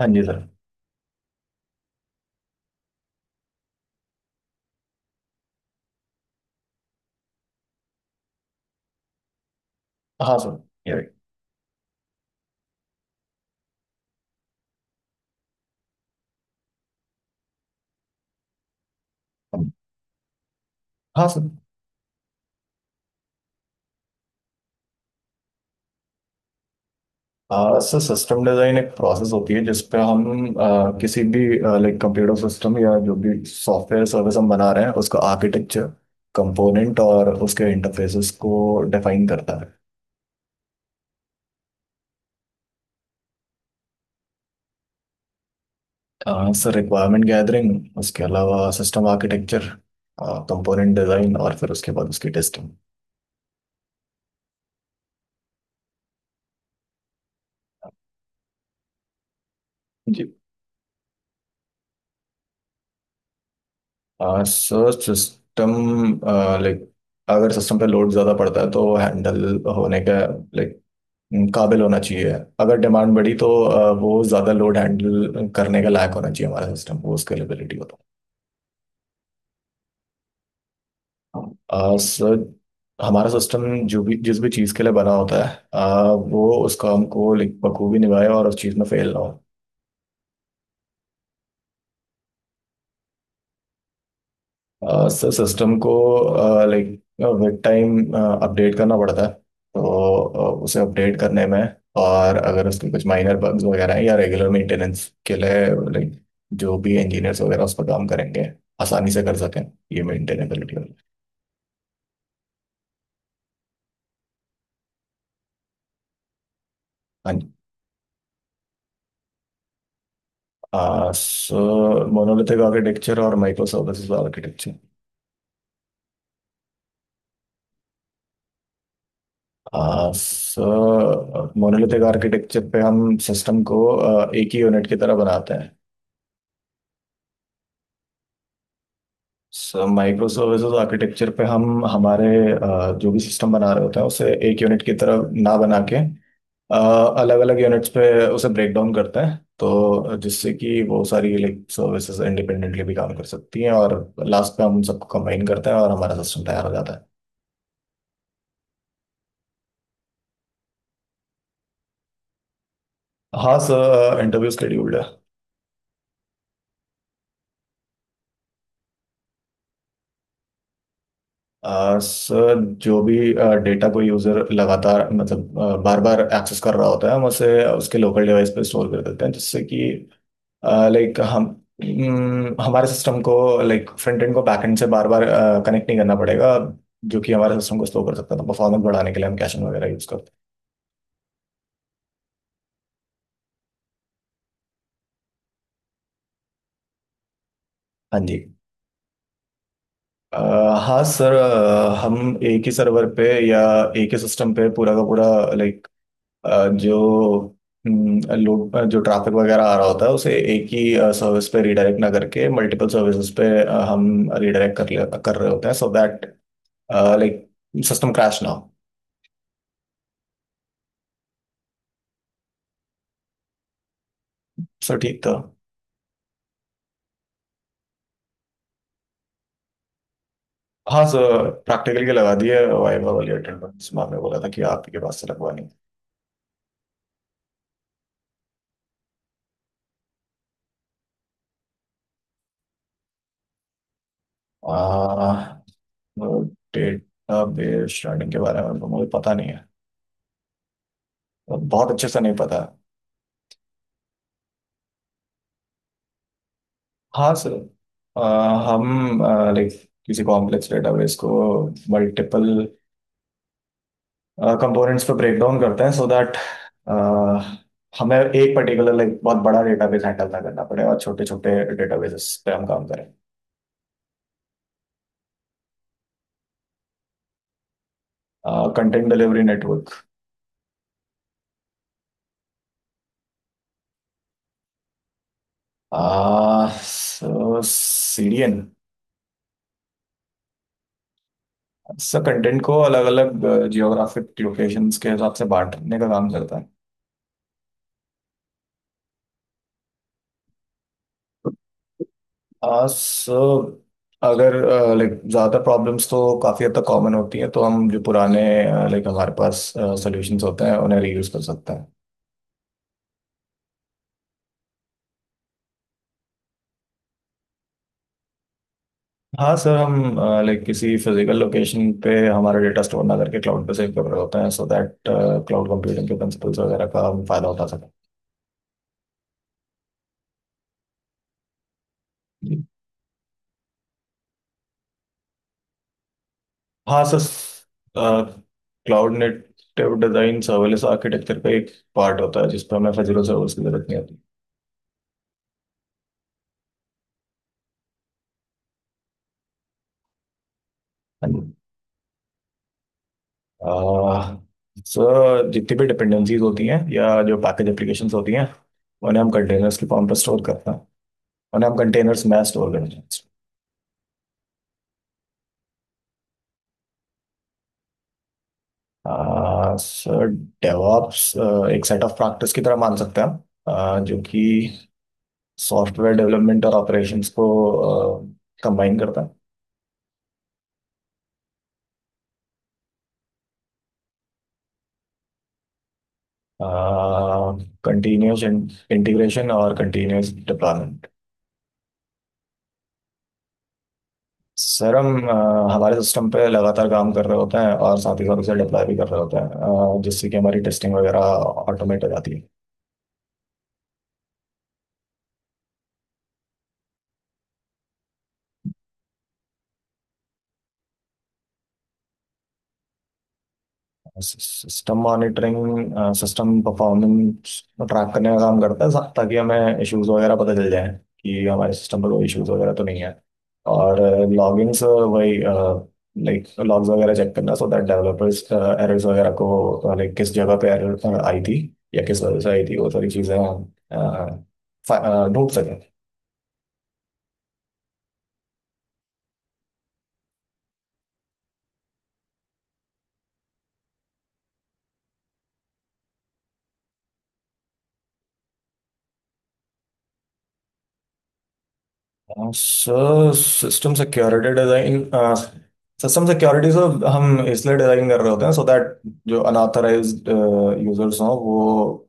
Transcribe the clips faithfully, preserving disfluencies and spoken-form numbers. हाँ जी सर। हाँ सर, ये रही। हम- हाँ सर। आ, सर सिस्टम डिजाइन एक प्रोसेस होती है जिसपे हम आ, किसी भी लाइक कंप्यूटर सिस्टम या जो भी सॉफ्टवेयर सर्विस हम बना रहे हैं उसका आर्किटेक्चर कंपोनेंट और उसके इंटरफेसेस को डिफाइन करता है। आ, सर रिक्वायरमेंट गैदरिंग, उसके अलावा सिस्टम आर्किटेक्चर, कंपोनेंट डिजाइन और फिर उसके बाद उसकी टेस्टिंग। जी। आ, सर सिस्टम, लाइक अगर सिस्टम पे लोड ज़्यादा पड़ता है तो हैंडल होने का लाइक हम्म, काबिल होना चाहिए। अगर डिमांड बढ़ी तो अ, वो ज़्यादा लोड हैंडल करने का लायक होना चाहिए हमारा सिस्टम, वो स्केलेबिलिटी हो तो। अ, सर, हमारा सिस्टम जो भी जिस भी चीज़ के लिए बना होता है, अ, वो उसका हमको लाइक बखूबी निभाए और उस चीज़ में फेल ना हो। सिस्टम को लाइक विद टाइम अपडेट करना पड़ता है, तो uh, उसे अपडेट करने में और अगर उसके कुछ माइनर बग्स वगैरह हैं या रेगुलर मेंटेनेंस के लिए लाइक जो भी इंजीनियर्स वगैरह उस पर काम करेंगे आसानी से कर सकें, ये मेंटेनेबिलिटी वाला। हाँ जी। सो मोनोलिथिक आर्किटेक्चर और micro services architecture. So monolithic architecture पे हम सिस्टम को uh, एक ही यूनिट की तरह बनाते हैं। माइक्रो सर्विसेज आर्किटेक्चर पे हम हमारे अ, जो भी सिस्टम बना रहे होते हैं उसे एक यूनिट की तरह ना बना के अलग अलग यूनिट्स पे उसे ब्रेक डाउन करते हैं, तो जिससे कि वो सारी लाइक सर्विसेज इंडिपेंडेंटली भी काम कर सकती हैं और लास्ट पे हम उन सबको कंबाइन करते हैं और हमारा सिस्टम तैयार हो जाता है। हाँ सर, इंटरव्यू स्केड्यूल्ड है। अ, सर जो भी डेटा कोई यूजर लगातार मतलब बार बार एक्सेस कर रहा होता है हम उसे उसके लोकल डिवाइस पे स्टोर कर देते हैं, जिससे कि लाइक हम हम्म, हमारे सिस्टम को लाइक फ्रंट एंड को बैक एंड से बार बार कनेक्ट नहीं करना पड़ेगा, जो कि हमारे सिस्टम को स्लो कर सकता है, तो परफॉर्मेंस बढ़ाने के लिए हम कैशन वगैरह यूज़ करते हैं। हाँ जी। अ, हाँ सर, अ, हम एक ही सर्वर पे या एक ही सिस्टम पे पूरा का पूरा लाइक जो हम्म, लोग, अ, जो ट्रैफिक वगैरह आ रहा होता है उसे एक ही सर्विस पे रिडायरेक्ट ना करके मल्टीपल सर्विसेज पे अ, हम रिडायरेक्ट कर ले- कर रहे होते हैं so that like system crash ना हो। सर ठीक था। हाँ सर, प्रैक्टिकल के लगा दिए, वाइवा वाली अटेंडेंस मैम ने बोला था कि आप ही के पास से लगवानी है। आ डेटा बेस स्टार्टिंग के बारे में तो मुझे पता नहीं है, बहुत अच्छे से नहीं पता है। हाँ सर, आ, हम लाइक किसी कॉम्प्लेक्स डेटाबेस को मल्टीपल कंपोनेंट्स पर ब्रेक डाउन करते हैं सो दैट हमें एक पर्टिकुलर लाइक बहुत बड़ा डेटाबेस हैंडल ना करना पड़े और छोटे छोटे डेटाबेसेस पे हम काम करें। Content delivery network. आ, सो सीरियन, सब कंटेंट को अलग अलग जियोग्राफिक लोकेशंस के हिसाब से बांटने का काम करता है। आ, सो अगर लाइक ज़्यादा प्रॉब्लम्स तो काफ़ी हद तक कॉमन होती हैं तो हम जो पुराने लाइक हमारे पास सॉल्यूशंस होते हैं उन्हें रीयूज कर सकते हैं। हाँ सर, हम लाइक किसी फिजिकल लोकेशन पे हमारा डेटा स्टोर ना करके क्लाउड पे सेव कर रहे होते हैं सो दैट क्लाउड कंप्यूटिंग के प्रिंसिपल्स वगैरह का हम फायदा उठा सकें। हाँ sir. Cloud native design serverless architecture का एक पार्ट होता है जिसपे हमें फिजिकल सर्वर्स की जरूरत नहीं होती। हाँ जी। अह, सर जितनी भी डिपेंडेंसीज होती हैं या जो पैकेज एप्लीकेशंस होती हैं, उन्हें हम कंटेनर्स के फॉर्म पर स्टोर करते हैं। उन्हें हम कंटेनर्स में स्टोर करते हैं। अह, सर डेवऑप्स एक सेट ऑफ प्रैक्टिस की तरह मान सकते हैं हम, अह, जो कि सॉफ्टवेयर डेवलपमेंट और ऑपरेशंस को कंबाइन करता है। कंटिन्यूस इंटीग्रेशन और कंटिन्यूस डिप्लॉयमेंट। सर हम अ, हमारे सिस्टम पे लगातार काम कर रहे होते हैं और साथ ही साथ उसे डिप्लॉय भी कर रहे होते हैं, अ, जिससे कि हमारी टेस्टिंग वगैरह ऑटोमेट हो जाती है। System monitoring system performance track करने का काम करता है, सा- ताकि हमें इश्यूज वगैरह पता चल जाए कि हमारे सिस्टम पर कोई इश्यूज वगैरह तो नहीं है। और लॉगिंग्स वही लाइक लॉग्स वगैरह चेक करना सो दैट डेवलपर्स एरर्स वगैरह को लाइक किस जगह पे एरर आई थी या किस वजह से आई थी वो सारी चीज़ें हम, uh, फा- uh, ढूंढ सकें। हाँ, sir system security design, system security sir हम इसलिए डिजाइन कर रहे होते हैं सो दैट जो अनऑथराइज्ड यूजर्स हों वो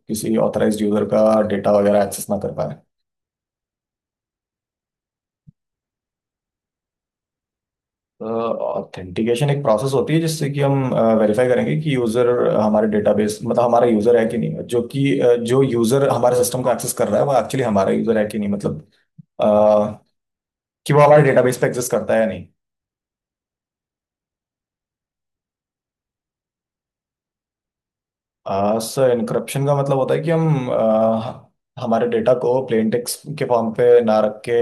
किसी ऑथराइज्ड यूजर का डेटा वगैरह एक्सेस ना कर पाए। ऑथेंटिकेशन एक प्रोसेस होती है जिससे कि हम वेरीफाई करेंगे कि यूजर हमारे डेटाबेस, मतलब हमारा यूजर है कि नहीं, जो कि अ, जो यूजर हमारे सिस्टम को एक्सेस कर रहा है वो एक्चुअली हमारा यूजर है कि नहीं, मतलब अ, कि वो हमारे डेटाबेस पे एक्सेस करता है या नहीं। आ, सर इनक्रप्शन का मतलब होता है कि हम आ, हमारे डेटा को प्लेन टेक्स्ट के फॉर्म पे ना रख के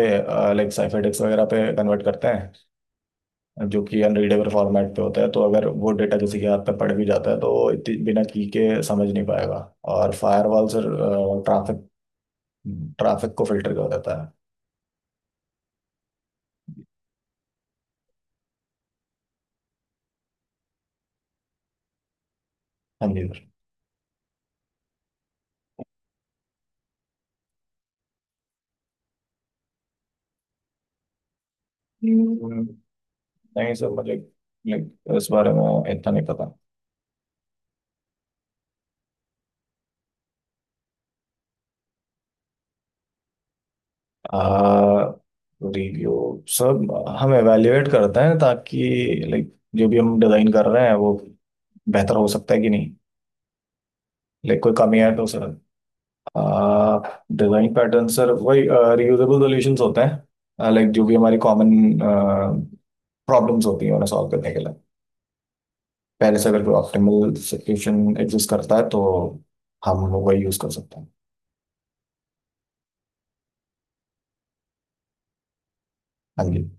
लाइक साइफर टेक्स्ट वगैरह पे कन्वर्ट करते हैं जो कि अनरीडेबल फॉर्मेट पे होता है, तो अगर वो डेटा किसी के हाथ पे पड़ भी जाता है तो वो इतनी- बिना की के समझ नहीं पाएगा। और फायरवॉल सर ट्रैफिक ट्रैफिक को फिल्टर कर देता है। हाँ जी सर। हम्म, नहीं सर मुझे लाइक इस बारे में इतना नहीं पता। आ, रिव्यू सब हम एवेल्युएट करते हैं ताकि लाइक जो भी हम डिजाइन कर रहे हैं वो बेहतर हो सकता है कि नहीं, लाइक कोई कमी है तो सर। डिजाइन पैटर्न सर वही रियूजेबल सॉल्यूशंस होते हैं लाइक जो भी हमारी कॉमन प्रॉब्लम्स होती हैं उन्हें सॉल्व करने के लिए पहले से अगर कोई ऑप्टिमल सॉल्यूशन एग्जिस्ट करता है तो हम वही यूज कर सकते हैं। हाँ जी।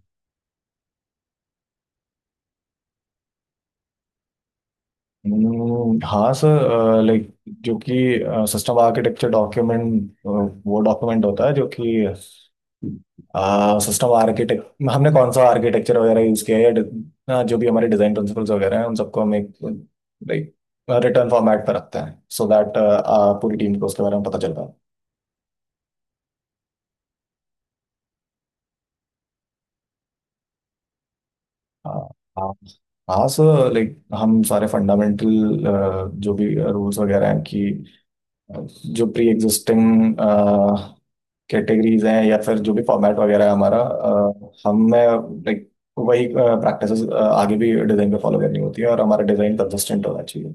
हम्म, हाँ सर लाइक जो कि सिस्टम आर्किटेक्चर डॉक्यूमेंट वो डॉक्यूमेंट होता है जो कि सिस्टम आर्किटेक्ट, हमने कौन सा आर्किटेक्चर वगैरह यूज़ किया है या डि- अ, जो भी हमारे डिज़ाइन प्रिंसिपल्स वगैरह हैं उन सबको हम एक लाइक रिटर्न फॉर्मेट पर रखते हैं सो दैट पूरी टीम को उसके बारे में पता चल पाए। हाँ हाँ हाँ सर लाइक हम सारे फंडामेंटल जो भी रूल्स वगैरह हैं कि जो प्री एग्जिस्टिंग कैटेगरीज हैं या फिर जो भी फॉर्मेट वगैरह है हमारा, अ, हमें लाइक वही प्रैक्टिसेस आगे भी डिजाइन पे फॉलो करनी होती है और हमारा डिजाइन कंसिस्टेंट होना चाहिए।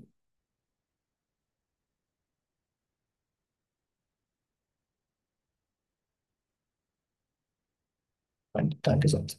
Thank you sir.